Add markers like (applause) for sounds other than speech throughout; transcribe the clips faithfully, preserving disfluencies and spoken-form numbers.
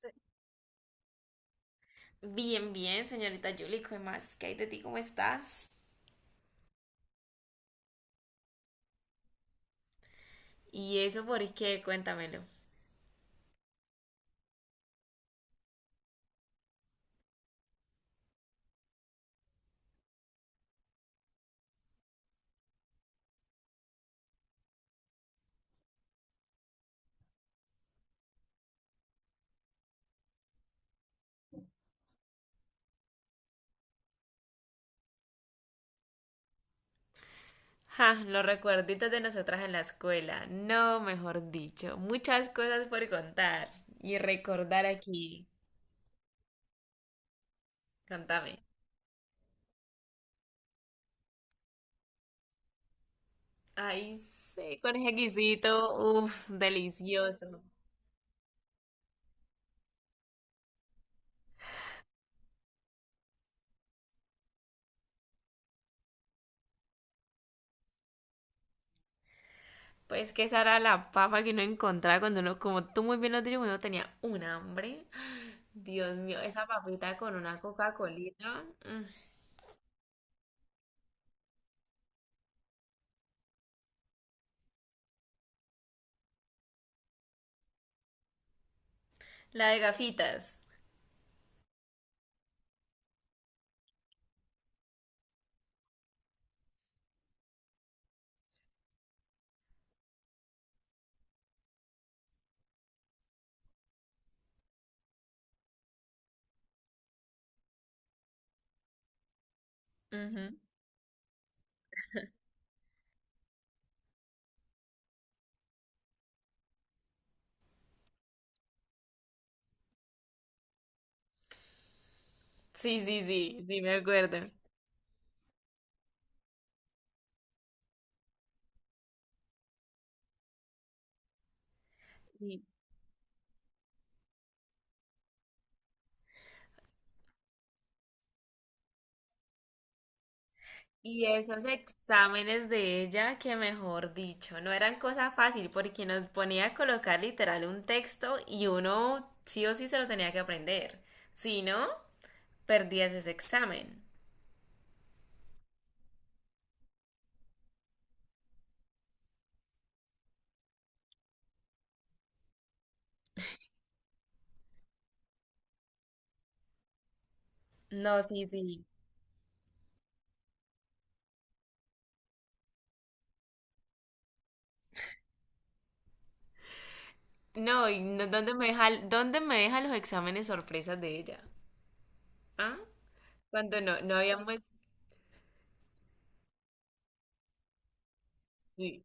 Sí. Bien, bien, señorita Julie, ¿qué más? ¿Qué hay de ti? ¿Cómo estás? ¿Y eso por qué? Cuéntamelo. Ja, los recuerditos de nosotras en la escuela. No, mejor dicho, muchas cosas por contar y recordar aquí. Contame. Ay, sí, con ese guisito, uff, delicioso. Pues que esa era la papa que uno encontraba cuando uno, como tú muy bien lo has dicho, cuando uno tenía un hambre. Dios mío, esa papita con una Coca-Colita. Mm. La de gafitas. Ujú. Sí, sí, sí, sí, me acuerdo. Y, y esos exámenes de ella, que mejor dicho, no eran cosa fácil porque nos ponía a colocar literal un texto y uno sí o sí se lo tenía que aprender. Si no, perdías ese examen. No, sí, sí. No, y no- ¿dónde me deja, dónde me deja los exámenes sorpresas de ella? ¿Ah? Cuando no, no habíamos... sí.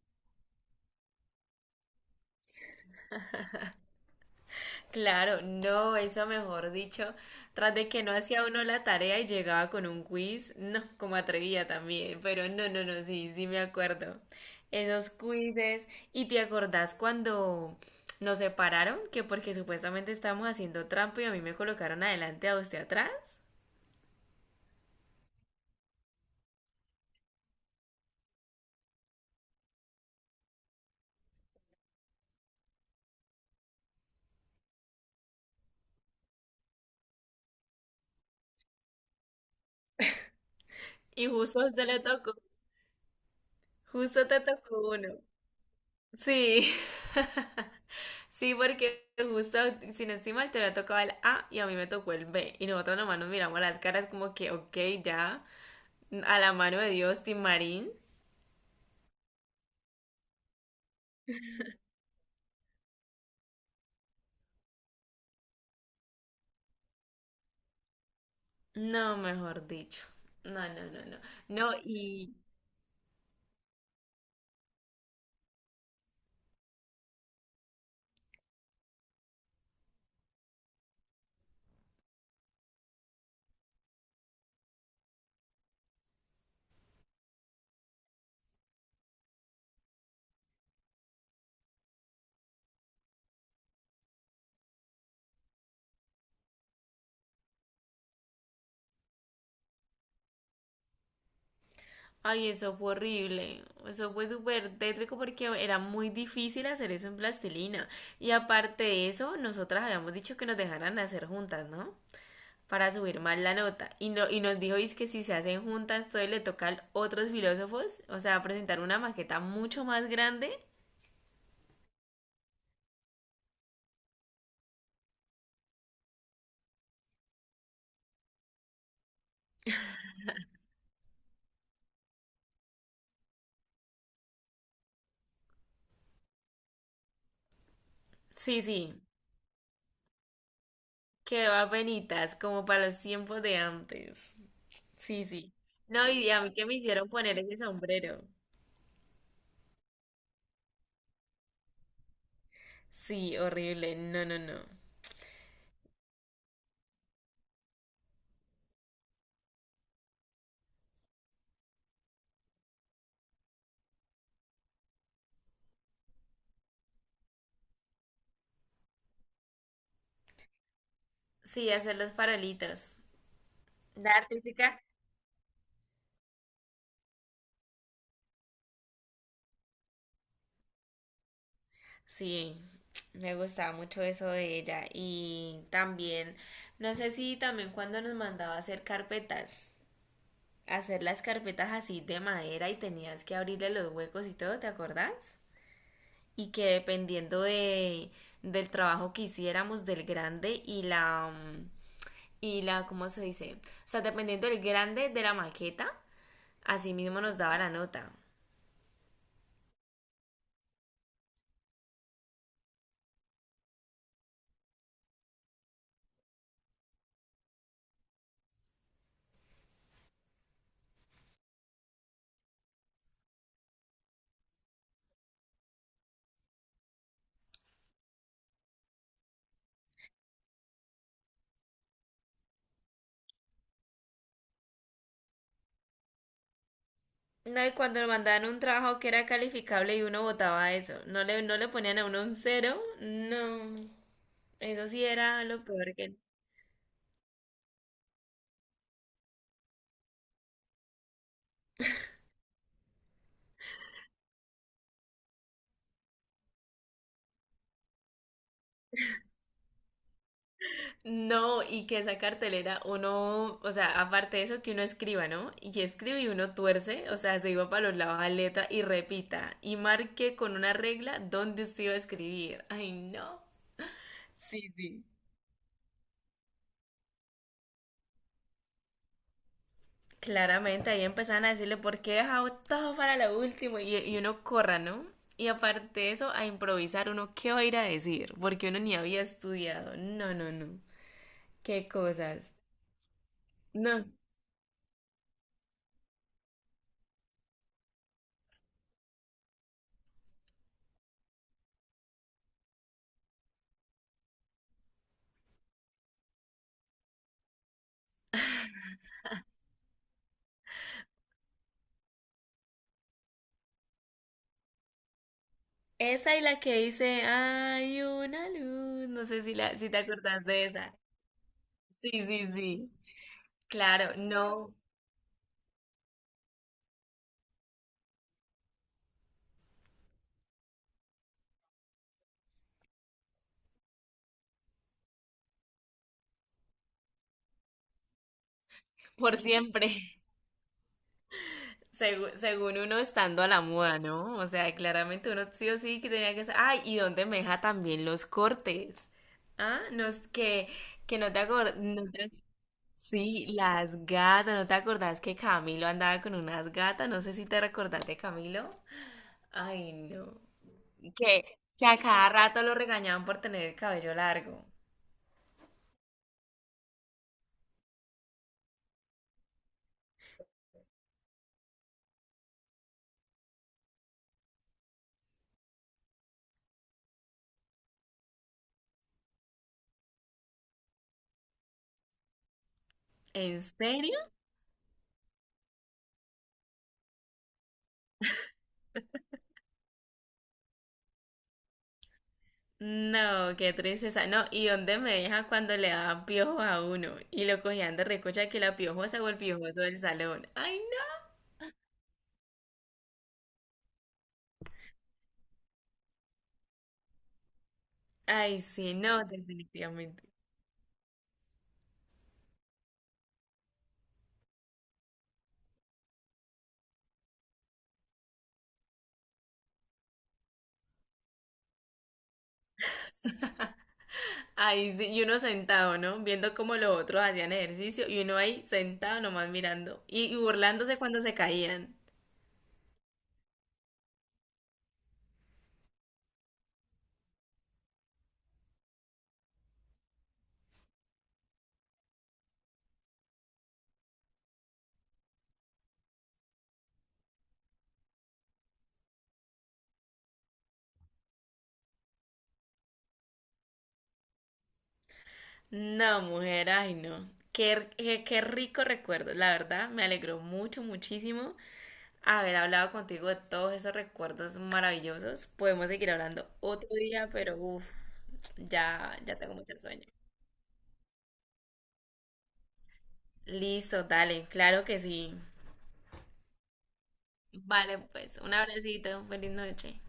Claro, no, eso mejor dicho, tras de que no hacía uno la tarea y llegaba con un quiz, no, como atrevía también, pero no, no, no, sí, sí me acuerdo. Esos quizzes, ¿y te acordás cuando nos separaron? Que porque supuestamente estábamos haciendo trampa y a mí me colocaron adelante a usted atrás. Y justo a usted le tocó, justo te tocó uno. Sí, (laughs) sí, porque justo, si no estoy mal, te había tocado el A y a mí me tocó el be. Y nosotros nomás nos miramos las caras como que, ok, ya, a la mano de Dios, Timarín. No, mejor dicho. No, no, no, no. No, y... Ay, eso fue horrible. Eso fue súper tétrico porque era muy difícil hacer eso en plastilina. Y aparte de eso, nosotras habíamos dicho que nos dejaran hacer juntas, ¿no? Para subir más la nota. Y, no, y nos dijo es que si se hacen juntas, todo le toca a otros filósofos, o sea, presentar una maqueta mucho más grande. Sí, sí, que va penitas, como para los tiempos de antes. Sí, sí. No, y a mí que me hicieron poner ese sombrero. Sí, horrible. No, no, no. Sí, hacer los farolitos. La artística. Sí, me gustaba mucho eso de ella. Y también, no sé si también cuando nos mandaba a hacer carpetas. Hacer las carpetas así de madera y tenías que abrirle los huecos y todo, ¿te acordás? Y que dependiendo de, del trabajo que hiciéramos, del grande y la, mm, y la, ¿cómo se dice? O sea, dependiendo del grande de la maqueta, así mismo nos daba la nota. No, y cuando nos mandaban un trabajo que era calificable y uno votaba eso, no le, no le ponían a uno un cero, no. Eso sí era lo peor que... No, y que esa cartelera uno, o sea, aparte de eso que uno escriba, ¿no? Y escribe y uno tuerce, o sea, se iba para los lados a letra y repita y marque con una regla dónde usted iba a escribir. Ay, no. Sí, sí. Claramente ahí empezaban a decirle por qué he dejado todo para lo último y, y uno corra, ¿no? Y aparte de eso, a improvisar uno qué va a ir a decir, porque uno ni había estudiado. No, no, no. Qué cosas. No. Esa y la que dice, hay una luz. No sé si, la, si te acordás de esa. Sí, sí, sí. Claro, no, por siempre. (laughs) Segu- según uno estando a la moda, ¿no? O sea, claramente uno sí o sí que tenía que ser. Ay, y dónde me deja también los cortes. Ah, no es que, que no te acordás. Sí, las gatas. ¿No te acordás que Camilo andaba con unas gatas? No sé si te recordás de Camilo. Ay, no. que, que a cada rato lo regañaban por tener el cabello largo. ¿En serio? No, qué tristeza. No, ¿y dónde me dejan cuando le daban piojos a uno? Y lo cogían de recocha que la piojosa o el piojoso del salón. ¡Ay, no! Ay, sí, no, definitivamente. (laughs) Ahí sí, y uno sentado, ¿no? Viendo cómo los otros hacían ejercicio y uno ahí sentado nomás mirando y, y burlándose cuando se caían. No, mujer, ay no. Qué, qué, qué rico recuerdo, la verdad, me alegró mucho, muchísimo haber hablado contigo de todos esos recuerdos maravillosos. Podemos seguir hablando otro día, pero uff, ya, ya tengo mucho sueño. Listo, dale, claro que sí. Vale, pues, un abracito, feliz noche.